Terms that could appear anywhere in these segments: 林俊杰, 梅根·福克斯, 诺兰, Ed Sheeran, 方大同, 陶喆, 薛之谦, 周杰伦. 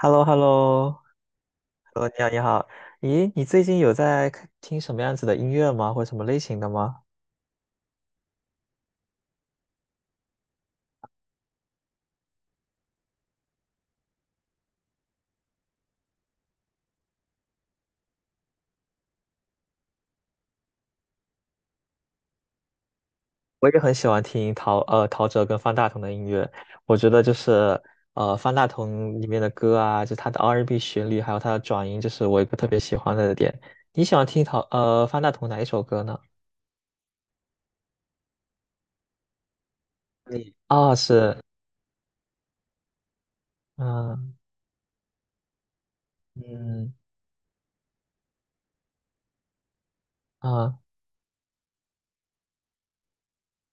h e l l o h e l l o h e l l o 你好，你好。咦，你最近有在听什么样子的音乐吗？或者什么类型的吗？我也很喜欢听陶喆跟方大同的音乐，我觉得就是方大同里面的歌啊，就他的 R&B 旋律，还有他的转音，就是我一个特别喜欢的点。你喜欢听方大同哪一首歌呢？你啊、是嗯嗯啊。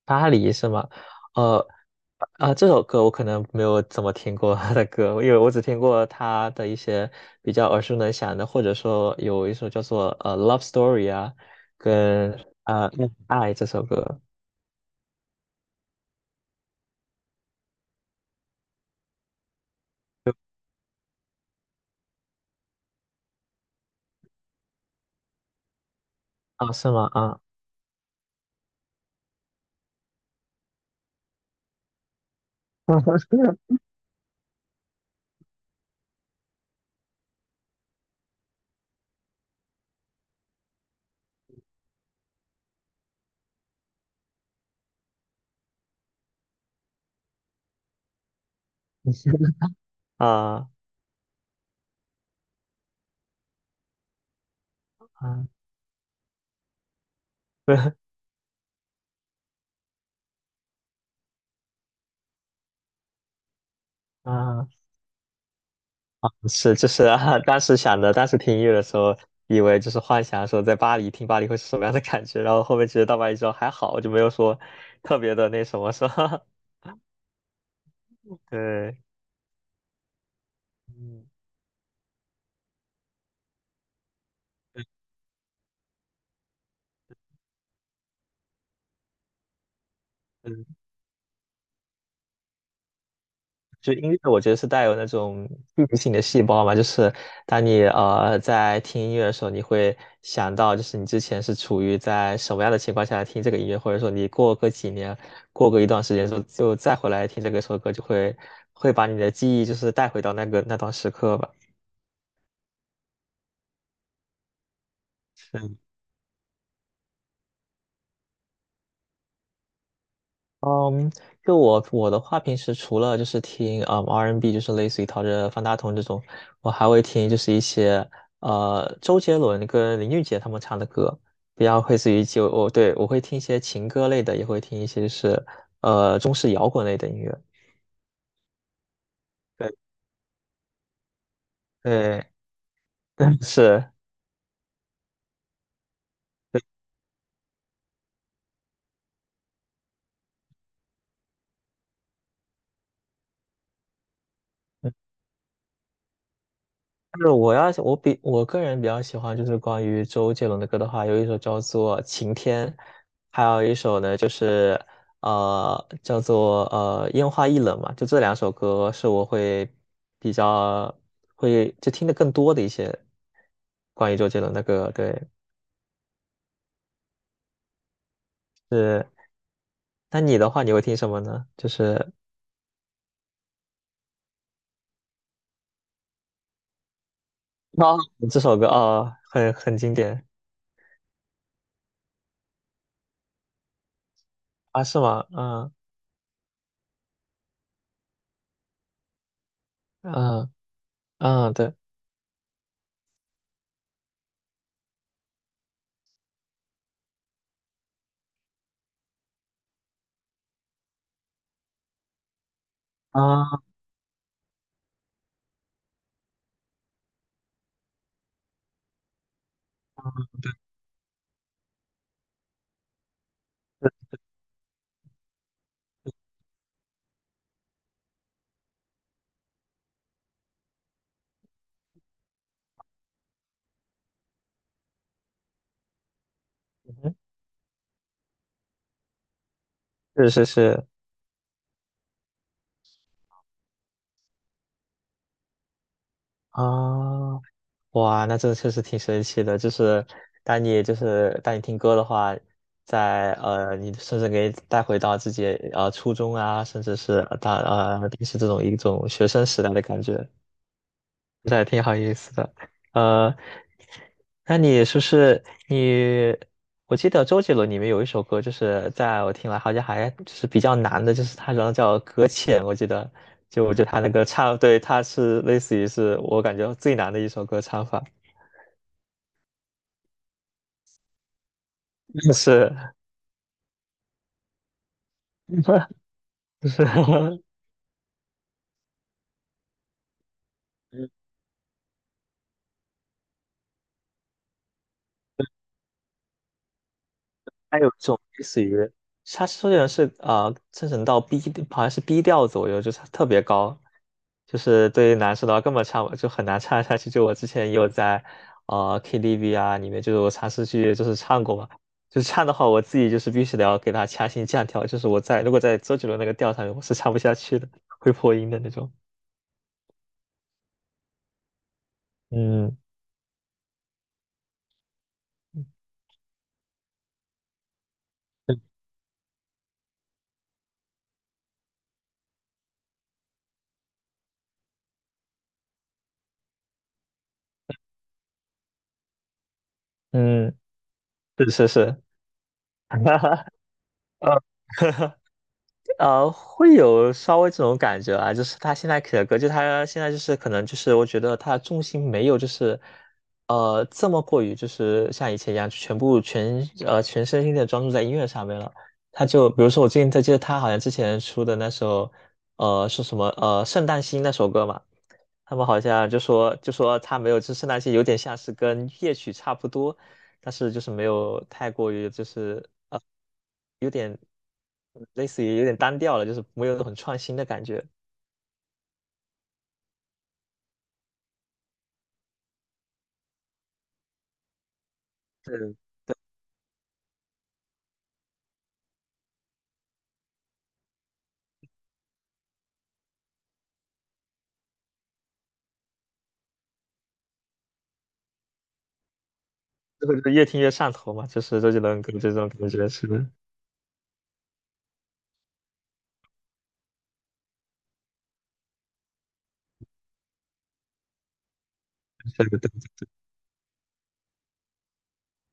巴黎是吗？呃，啊，这首歌我可能没有怎么听过他的歌，因为我只听过他的一些比较耳熟能详的，或者说有一首叫做《Love Story》啊，跟《恋爱》这首歌啊，是吗？啊 啊啊，对啊，是就是啊，当时想的，当时听音乐的时候，以为就是幻想说在巴黎听巴黎会是什么样的感觉，然后后面其实到巴黎之后还好，就没有说特别的那什么，是吧？对。嗯嗯，就音乐，我觉得是带有那种记忆性的细胞嘛，就是当你在听音乐的时候，你会想到就是你之前是处于在什么样的情况下听这个音乐，或者说你过个几年，过个一段时间之后，就再回来听这个首歌，就会把你的记忆就是带回到那个那段时刻吧。嗯，就我的话，平时除了就是听R&B，N 就是类似于陶喆、方大同这种，我还会听就是一些周杰伦跟林俊杰他们唱的歌，比较类似于就我对我会听一些情歌类的，也会听一些就是中式摇滚类的音乐。对对，是。就是我要我比我个人比较喜欢就是关于周杰伦的歌的话，有一首叫做《晴天》，还有一首呢就是叫做《烟花易冷》嘛，就这两首歌是我会比较会就听的更多的一些关于周杰伦的歌。对，是那你的话你会听什么呢？就是啊这首歌啊，很经典啊，是吗？嗯嗯嗯，对啊，是是是。啊，哇，那这确实挺神奇的。就是当你听歌的话，你甚至可以带回到自己初中啊，甚至是呃大呃平时这种一种学生时代的感觉。对，挺好意思的。呃，那你是不是你？我记得周杰伦里面有一首歌，就是在我听来好像还就是比较难的，就是他好像叫《搁浅》，我记得就我觉得他那个唱，对，他是类似于是我感觉最难的一首歌唱法，是 不是嗯 还有一种类似于，它虽然是啊、生成到 B,好像是 B 调左右，就是它特别高，就是对于男生的话根本唱不就很难唱下去。就我之前也有在KTV 啊里面，就是我尝试去就是唱过嘛，就是唱的话我自己就是必须得要给它强行降调，就是如果在周杰伦那个调上面，我是唱不下去的，会破音的那种。嗯嗯，是是是，哈哈，会有稍微这种感觉啊，就是他现在写的歌，就他现在就是可能就是我觉得他的重心没有就是，这么过于就是像以前一样全部全呃全身心的专注在音乐上面了。他就比如说我最近记得他好像之前出的那首，是什么《圣诞星》那首歌嘛，他们好像就说他没有，支持那些有点像是跟夜曲差不多，但是就是没有太过于就是有点类似于有点单调了，就是没有很创新的感觉。对，这个就是越听越上头嘛，就是周杰伦给我这种感觉是，这个对。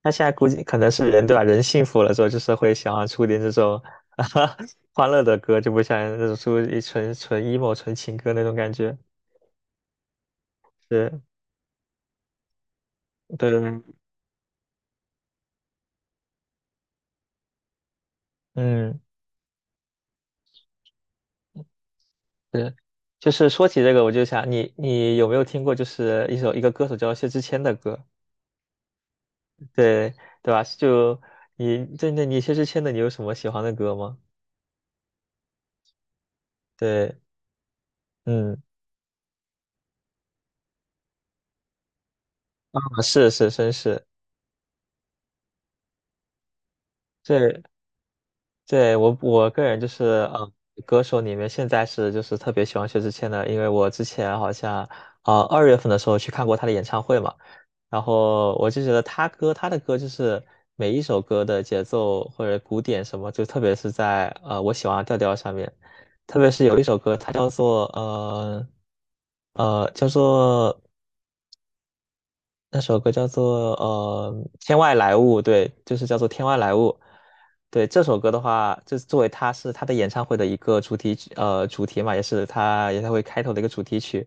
他现在估计可能是人对吧？人幸福了之后，就是会想要出点这种 欢乐的歌，就不像那种出一纯纯 emo 纯情歌那种感觉。是，对，嗯。对，就是说起这个，我就想你有没有听过，就是一个歌手叫薛之谦的歌，对对吧？就你针对那你薛之谦的，你有什么喜欢的歌吗？对，嗯，啊是是绅士，对对，我个人就是，嗯，歌手里面现在是就是特别喜欢薛之谦的，因为我之前好像，2月份的时候去看过他的演唱会嘛，然后我就觉得他的歌就是每一首歌的节奏或者鼓点什么，就特别是在我喜欢的调调上面，特别是有一首歌，它叫做呃呃叫做那首歌叫做呃《天外来物》，对，就是叫做《天外来物》。对，这首歌的话，就是作为他的演唱会的一个主题曲，主题嘛，也是他演唱会开头的一个主题曲。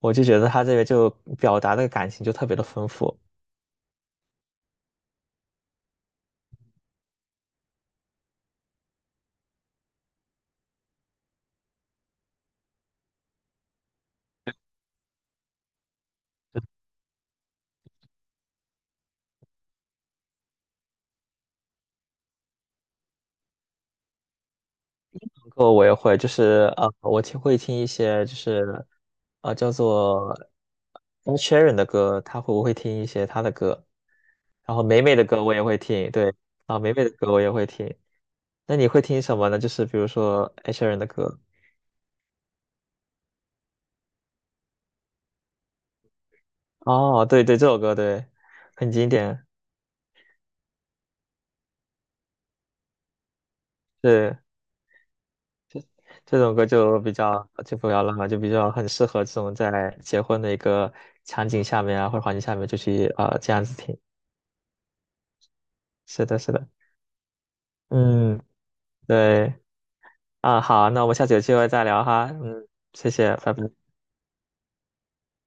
我就觉得他这个就表达的感情就特别的丰富。歌我也会，就是我会听一些就是叫做 Ed s h e r a n 的歌，他会不会听一些他的歌，然后美美的歌我也会听，对，啊，美美的歌我也会听。那你会听什么呢？就是比如说 Ed s h e r a n 的歌。哦，对对，这首歌对，很经典。对，这种歌就比较就不要浪了，就比较很适合这种在结婚的一个场景下面啊，或者环境下面就去啊、这样子听。是的，是的。嗯，对。啊，好，那我们下次有机会再聊哈。嗯，谢谢，拜拜。